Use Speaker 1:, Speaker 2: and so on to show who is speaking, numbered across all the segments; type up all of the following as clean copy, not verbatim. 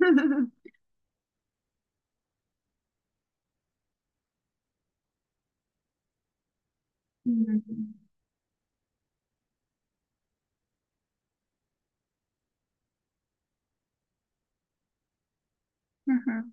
Speaker 1: Hmm. Hı hı.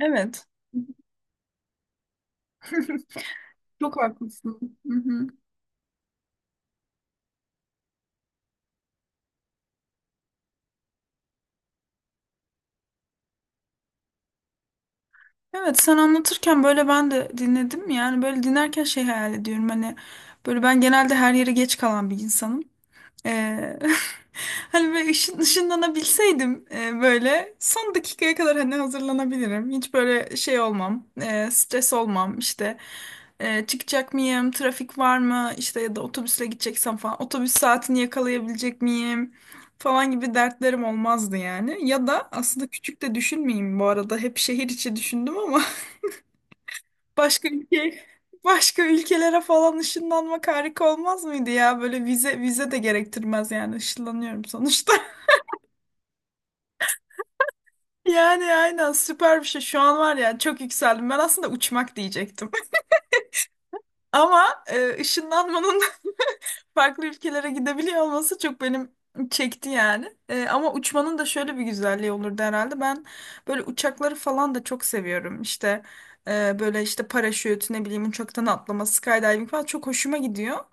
Speaker 1: Evet. Çok haklısın. Hı hı. Evet, sen anlatırken böyle ben de dinledim, yani böyle dinlerken şey hayal ediyorum hani böyle ben genelde her yere geç kalan bir insanım. Ee, hani böyle ışınlanabilseydim böyle son dakikaya kadar hani hazırlanabilirim. Hiç böyle şey olmam, stres olmam işte. Çıkacak mıyım, trafik var mı işte, ya da otobüsle gideceksem falan otobüs saatini yakalayabilecek miyim falan gibi dertlerim olmazdı yani. Ya da aslında küçük de düşünmeyeyim, bu arada hep şehir içi düşündüm ama başka ülke başka ülkelere falan ışınlanmak harika olmaz mıydı ya? Böyle vize vize de gerektirmez yani, ışınlanıyorum sonuçta. Yani aynen, süper bir şey. Şu an var ya, çok yükseldim. Ben aslında uçmak diyecektim. Ama ışınlanmanın farklı ülkelere gidebiliyor olması çok benim çekti yani. Ama uçmanın da şöyle bir güzelliği olurdu herhalde. Ben böyle uçakları falan da çok seviyorum. İşte böyle işte paraşüt, ne bileyim uçaktan atlama, skydiving falan çok hoşuma gidiyor.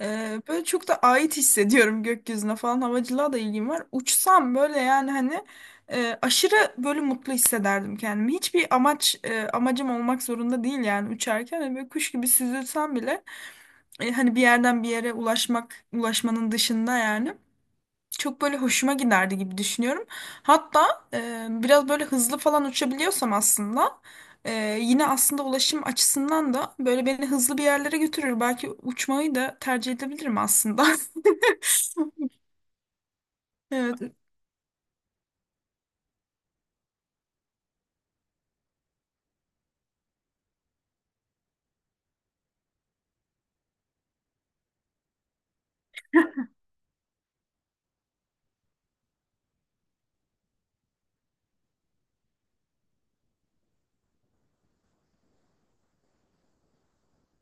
Speaker 1: Böyle çok da ait hissediyorum gökyüzüne falan, havacılığa da ilgim var. Uçsam böyle yani hani aşırı böyle mutlu hissederdim kendimi. Hiçbir amaç amacım olmak zorunda değil yani uçarken. Hani böyle kuş gibi süzülsem bile hani bir yerden bir yere ulaşmak, ulaşmanın dışında yani çok böyle hoşuma giderdi gibi düşünüyorum. Hatta biraz böyle hızlı falan uçabiliyorsam aslında yine aslında ulaşım açısından da böyle beni hızlı bir yerlere götürür. Belki uçmayı da tercih edebilirim aslında. Evet.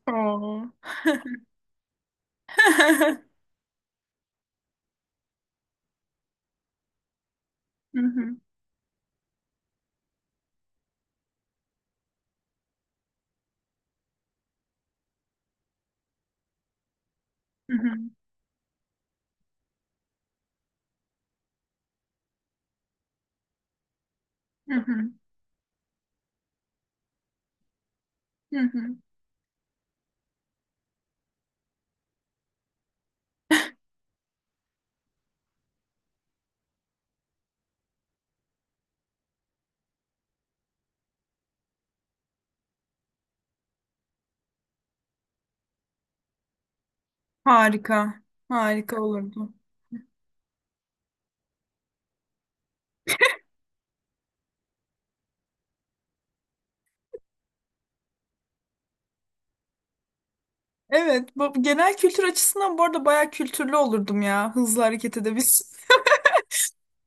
Speaker 1: Oo. Hı hı, hı hı, hı hı, hı hı. Harika. Harika olurdu. Evet, bu genel kültür açısından bu arada bayağı kültürlü olurdum ya, hızlı hareket edebilsin.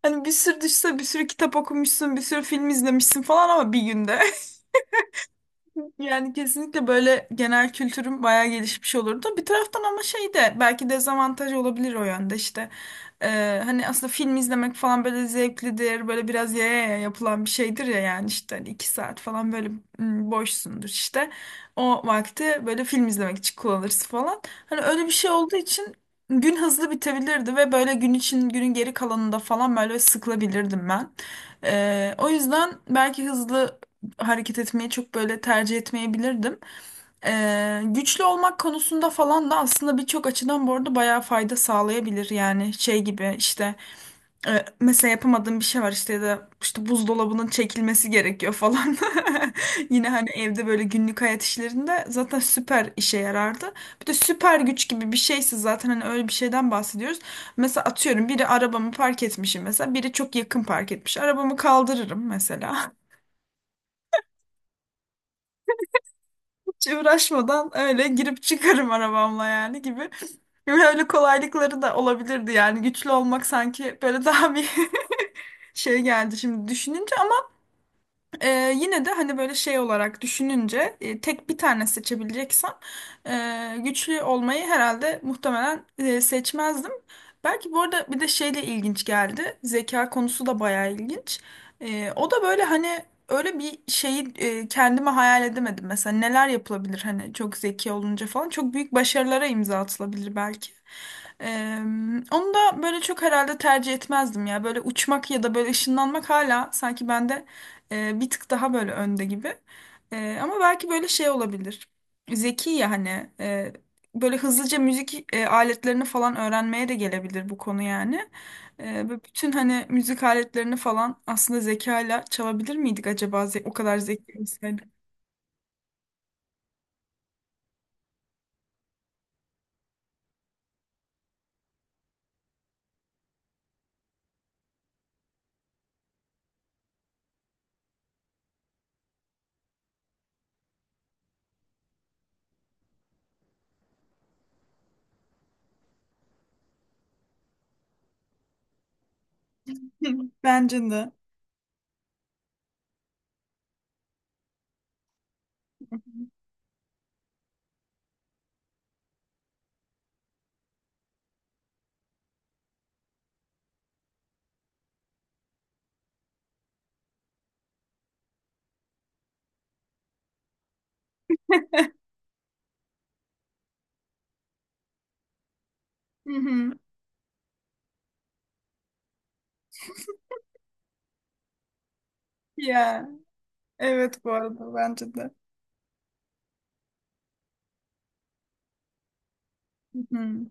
Speaker 1: Hani bir sürü düşse, bir sürü kitap okumuşsun, bir sürü film izlemişsin falan ama bir günde. Yani kesinlikle böyle genel kültürüm bayağı gelişmiş olurdu. Bir taraftan ama şey de belki dezavantaj olabilir o yönde işte. Hani aslında film izlemek falan böyle zevklidir. Böyle biraz yaya yaya yapılan bir şeydir ya, yani işte hani iki saat falan böyle boşsundur işte. O vakti böyle film izlemek için kullanırsın falan. Hani öyle bir şey olduğu için gün hızlı bitebilirdi ve böyle gün için günün geri kalanında falan böyle sıkılabilirdim ben. O yüzden belki hızlı hareket etmeyi çok böyle tercih etmeyebilirdim. Güçlü olmak konusunda falan da aslında birçok açıdan bu arada bayağı fayda sağlayabilir yani, şey gibi işte, mesela yapamadığım bir şey var işte, ya da işte buzdolabının çekilmesi gerekiyor falan yine hani evde böyle günlük hayat işlerinde zaten süper işe yarardı. Bir de süper güç gibi bir şeyse zaten, hani öyle bir şeyden bahsediyoruz, mesela atıyorum biri arabamı park etmişim, mesela biri çok yakın park etmiş, arabamı kaldırırım mesela. Hiç uğraşmadan öyle girip çıkarım arabamla yani gibi. Öyle kolaylıkları da olabilirdi yani güçlü olmak, sanki böyle daha bir şey geldi şimdi düşününce. Yine de hani böyle şey olarak düşününce tek bir tane seçebileceksem güçlü olmayı herhalde muhtemelen seçmezdim. Belki bu arada bir de şeyle ilginç geldi. Zeka konusu da bayağı ilginç. E, o da böyle hani öyle bir şeyi kendime hayal edemedim. Mesela neler yapılabilir hani çok zeki olunca falan. Çok büyük başarılara imza atılabilir belki. Ee, onu da böyle çok herhalde tercih etmezdim ya. Böyle uçmak ya da böyle ışınlanmak hala sanki bende bir tık daha böyle önde gibi. E, ama belki böyle şey olabilir. Zeki ya hani böyle hızlıca müzik aletlerini falan öğrenmeye de gelebilir bu konu yani. Ve bütün hani müzik aletlerini falan aslında zekayla çalabilir miydik acaba o kadar zeki olsaydık? Hı, bence de. Hı hı. Ya, evet bu arada bence de. Hı hı.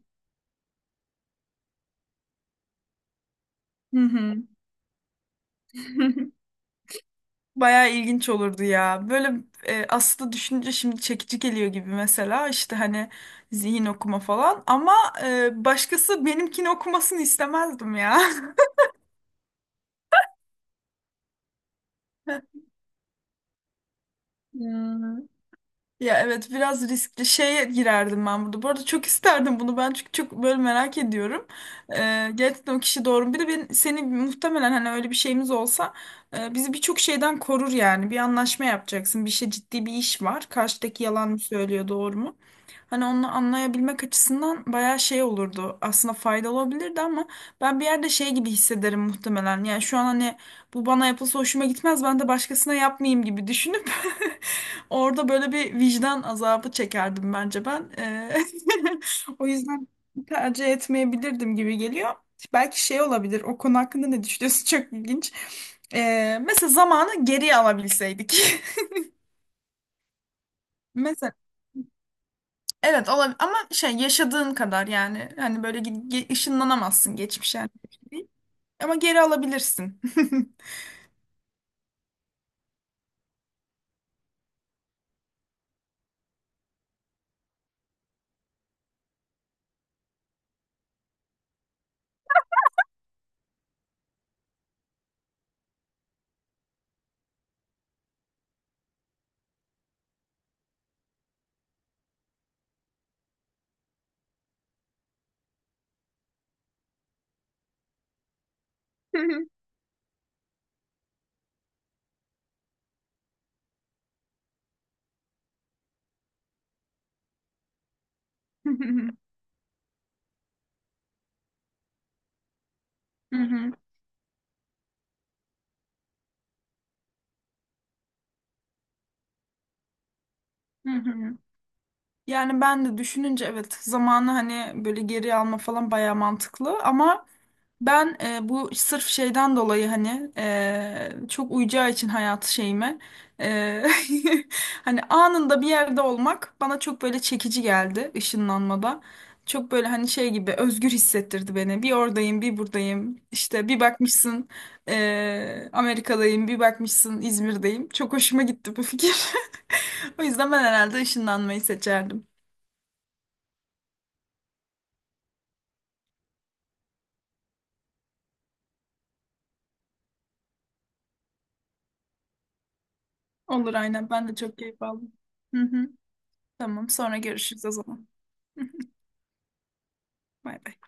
Speaker 1: Hı hı. Bayağı ilginç olurdu ya. Böyle aslında düşününce şimdi çekici geliyor gibi, mesela işte hani zihin okuma falan ama başkası benimkini okumasını istemezdim ya. Ya. Ya evet, biraz riskli şeye girerdim ben burada. Bu arada çok isterdim bunu ben, çünkü çok böyle merak ediyorum. Gerçekten o kişi doğru mu? Bir de ben, seni muhtemelen hani öyle bir şeyimiz olsa bizi birçok şeyden korur yani. Bir anlaşma yapacaksın. Bir şey, ciddi bir iş var. Karşıdaki yalan mı söylüyor, doğru mu? Hani onu anlayabilmek açısından bayağı şey olurdu. Aslında faydalı olabilirdi ama ben bir yerde şey gibi hissederim muhtemelen. Yani şu an hani bu bana yapılsa hoşuma gitmez, ben de başkasına yapmayayım gibi düşünüp orada böyle bir vicdan azabı çekerdim bence ben. O yüzden tercih etmeyebilirdim gibi geliyor. Belki şey olabilir. O konu hakkında ne düşünüyorsun? Çok ilginç. Mesela zamanı geriye alabilseydik. Mesela evet olabilir ama şey, yaşadığın kadar yani, hani böyle ışınlanamazsın geçmişe yani. Ama geri alabilirsin. Hı hı, hı hı, hı hı. Yani ben de düşününce evet, zamanı hani böyle geri alma falan bayağı mantıklı ama ben bu sırf şeyden dolayı, hani çok uyacağı için hayat şeyime, e, hani anında bir yerde olmak bana çok böyle çekici geldi ışınlanmada. Çok böyle hani şey gibi özgür hissettirdi beni. Bir oradayım, bir buradayım. İşte bir bakmışsın Amerika'dayım, bir bakmışsın İzmir'deyim. Çok hoşuma gitti bu fikir. O yüzden ben herhalde ışınlanmayı seçerdim. Olur aynen, ben de çok keyif aldım. Hı hı, tamam sonra görüşürüz o zaman. Bay bay.